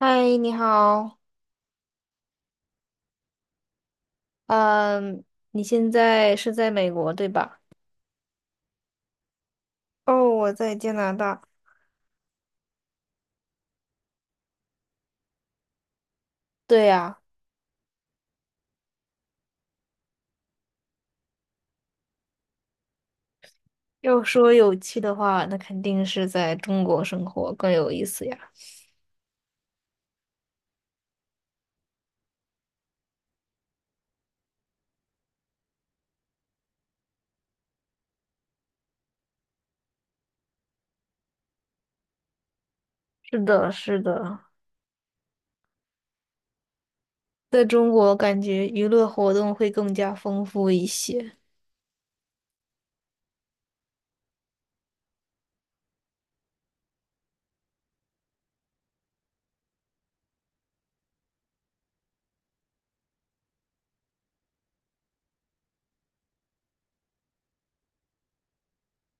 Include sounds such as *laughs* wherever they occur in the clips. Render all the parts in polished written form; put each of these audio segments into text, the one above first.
嗨，你好，嗯，你现在是在美国对吧？哦，我在加拿大。对呀，要说有趣的话，那肯定是在中国生活更有意思呀。是的，是的，在中国感觉娱乐活动会更加丰富一些。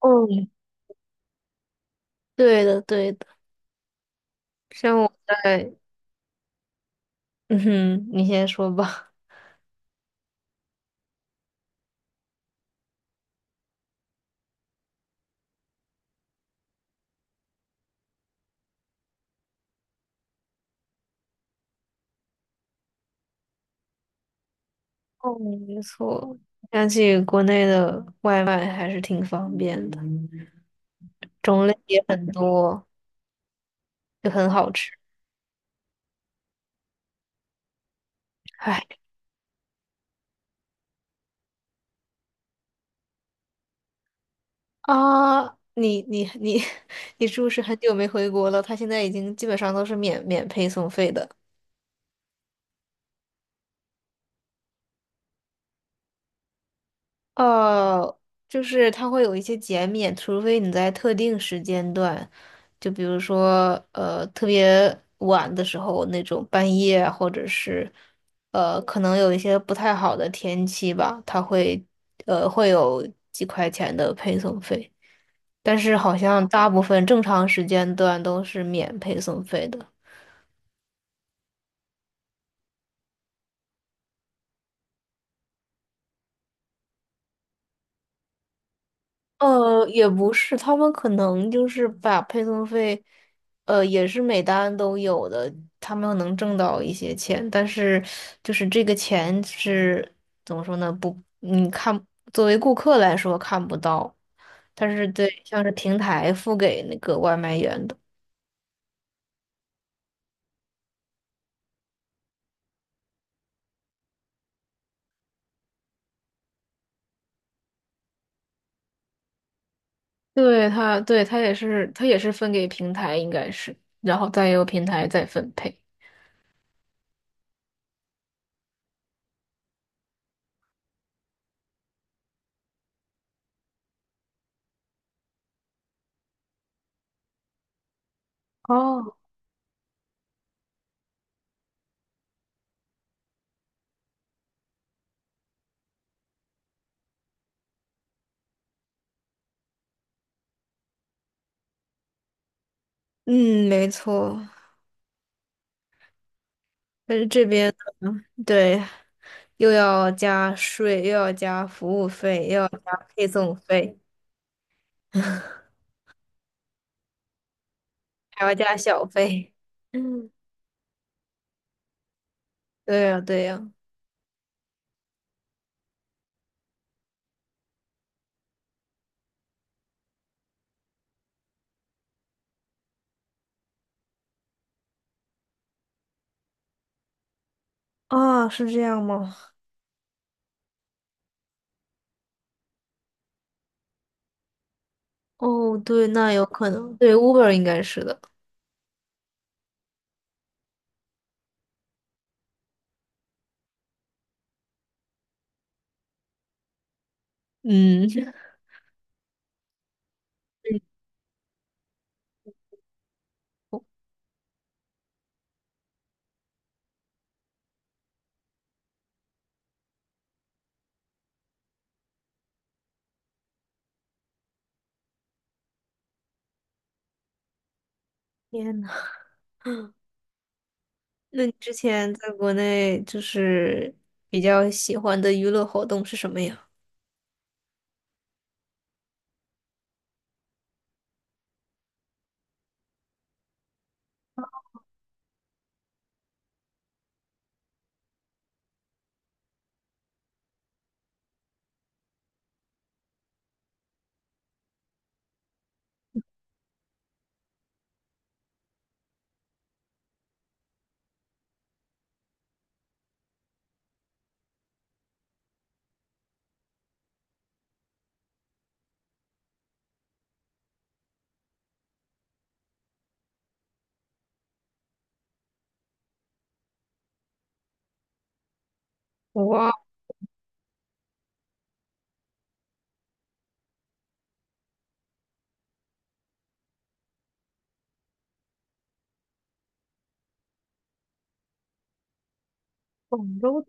哦，对的，对的，像我在 *laughs*，嗯哼，你先说吧。*laughs* 哦，没错。想起国内的外卖还是挺方便的，种类也很多，就很好吃。唉啊，你你你 *laughs* 你是不是很久没回国了？他现在已经基本上都是免配送费的。哦，就是它会有一些减免，除非你在特定时间段，就比如说特别晚的时候那种半夜啊，或者是可能有一些不太好的天气吧，他会有几块钱的配送费，但是好像大部分正常时间段都是免配送费的。也不是，他们可能就是把配送费，也是每单都有的，他们能挣到一些钱，但是就是这个钱是怎么说呢？不，你看，作为顾客来说看不到，但是对，像是平台付给那个外卖员的，对他也是，他也是分给平台，应该是，然后再由平台再分配。哦，嗯，没错，但是这边对。又要加税，又要加服务费，又要加配送费，*laughs* 还要加小费。嗯，对呀，对呀。啊，是这样吗？哦，对，那有可能。对，Uber 应该是的。嗯，*laughs* 天呐，那你之前在国内就是比较喜欢的娱乐活动是什么呀？哇，广州，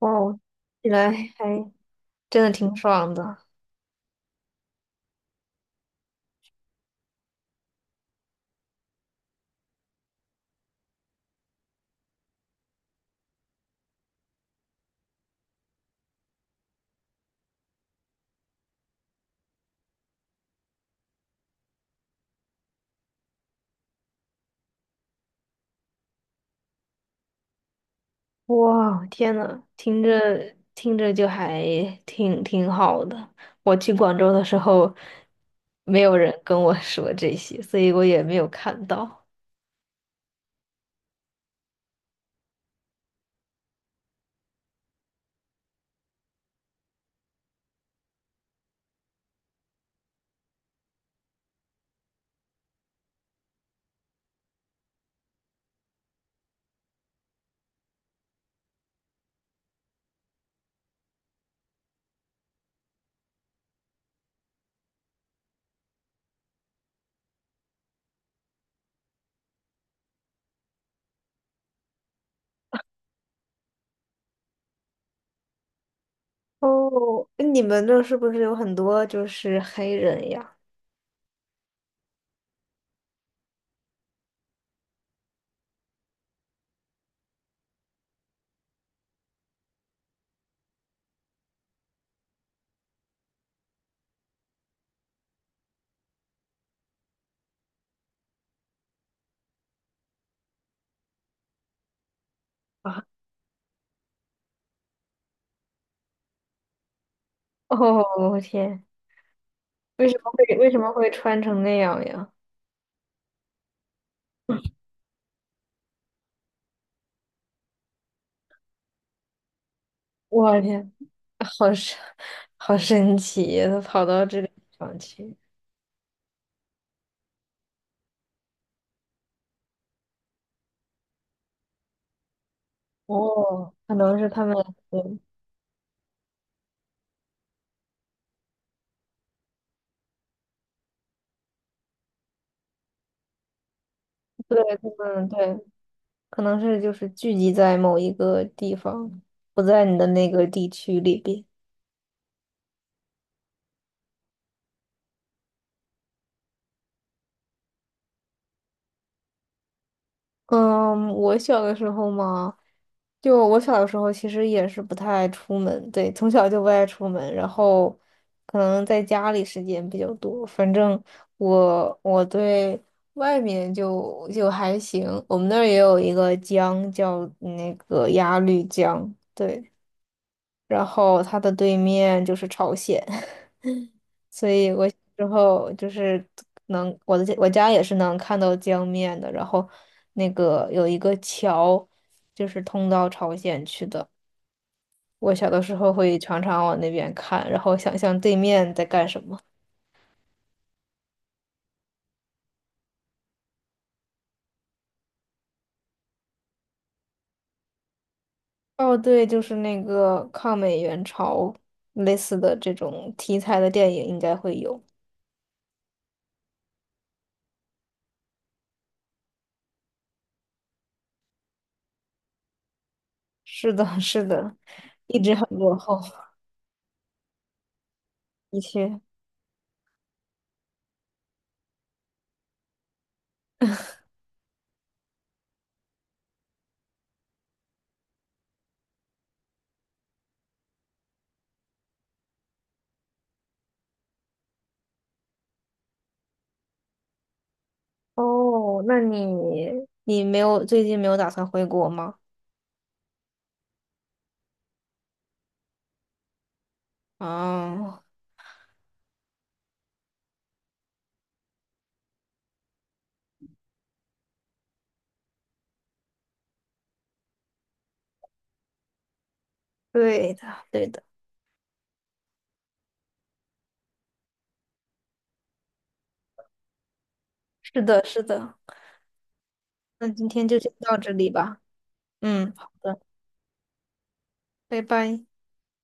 哇，听起来还真的挺爽的。哇，天呐，听着听着就还挺好的。我去广州的时候，没有人跟我说这些，所以我也没有看到。哦，你们那是不是有很多就是黑人呀？*laughs* 啊，哦，我天，为什么会穿成那样呀？我天，好神，*laughs* 好神奇呀，他跑到这个地方去。哦，可能是他们，对，对，他们对，可能是就是聚集在某一个地方，不在你的那个地区里边。嗯，我小的时候嘛，就我小的时候其实也是不太爱出门，对，从小就不爱出门，然后可能在家里时间比较多。反正我对外面就还行，我们那儿也有一个江叫那个鸭绿江，对，然后它的对面就是朝鲜。*laughs* 所以我之后就是能我家也是能看到江面的，然后那个有一个桥，就是通到朝鲜去的。我小的时候会常常往那边看，然后想象对面在干什么。哦，对，就是那个抗美援朝类似的这种题材的电影应该会有。是的，是的，一直很落后，的确。哦，那你没有最近没有打算回国吗？啊。对的，对的，是的，是的。那今天就先到这里吧。嗯，好的，拜拜。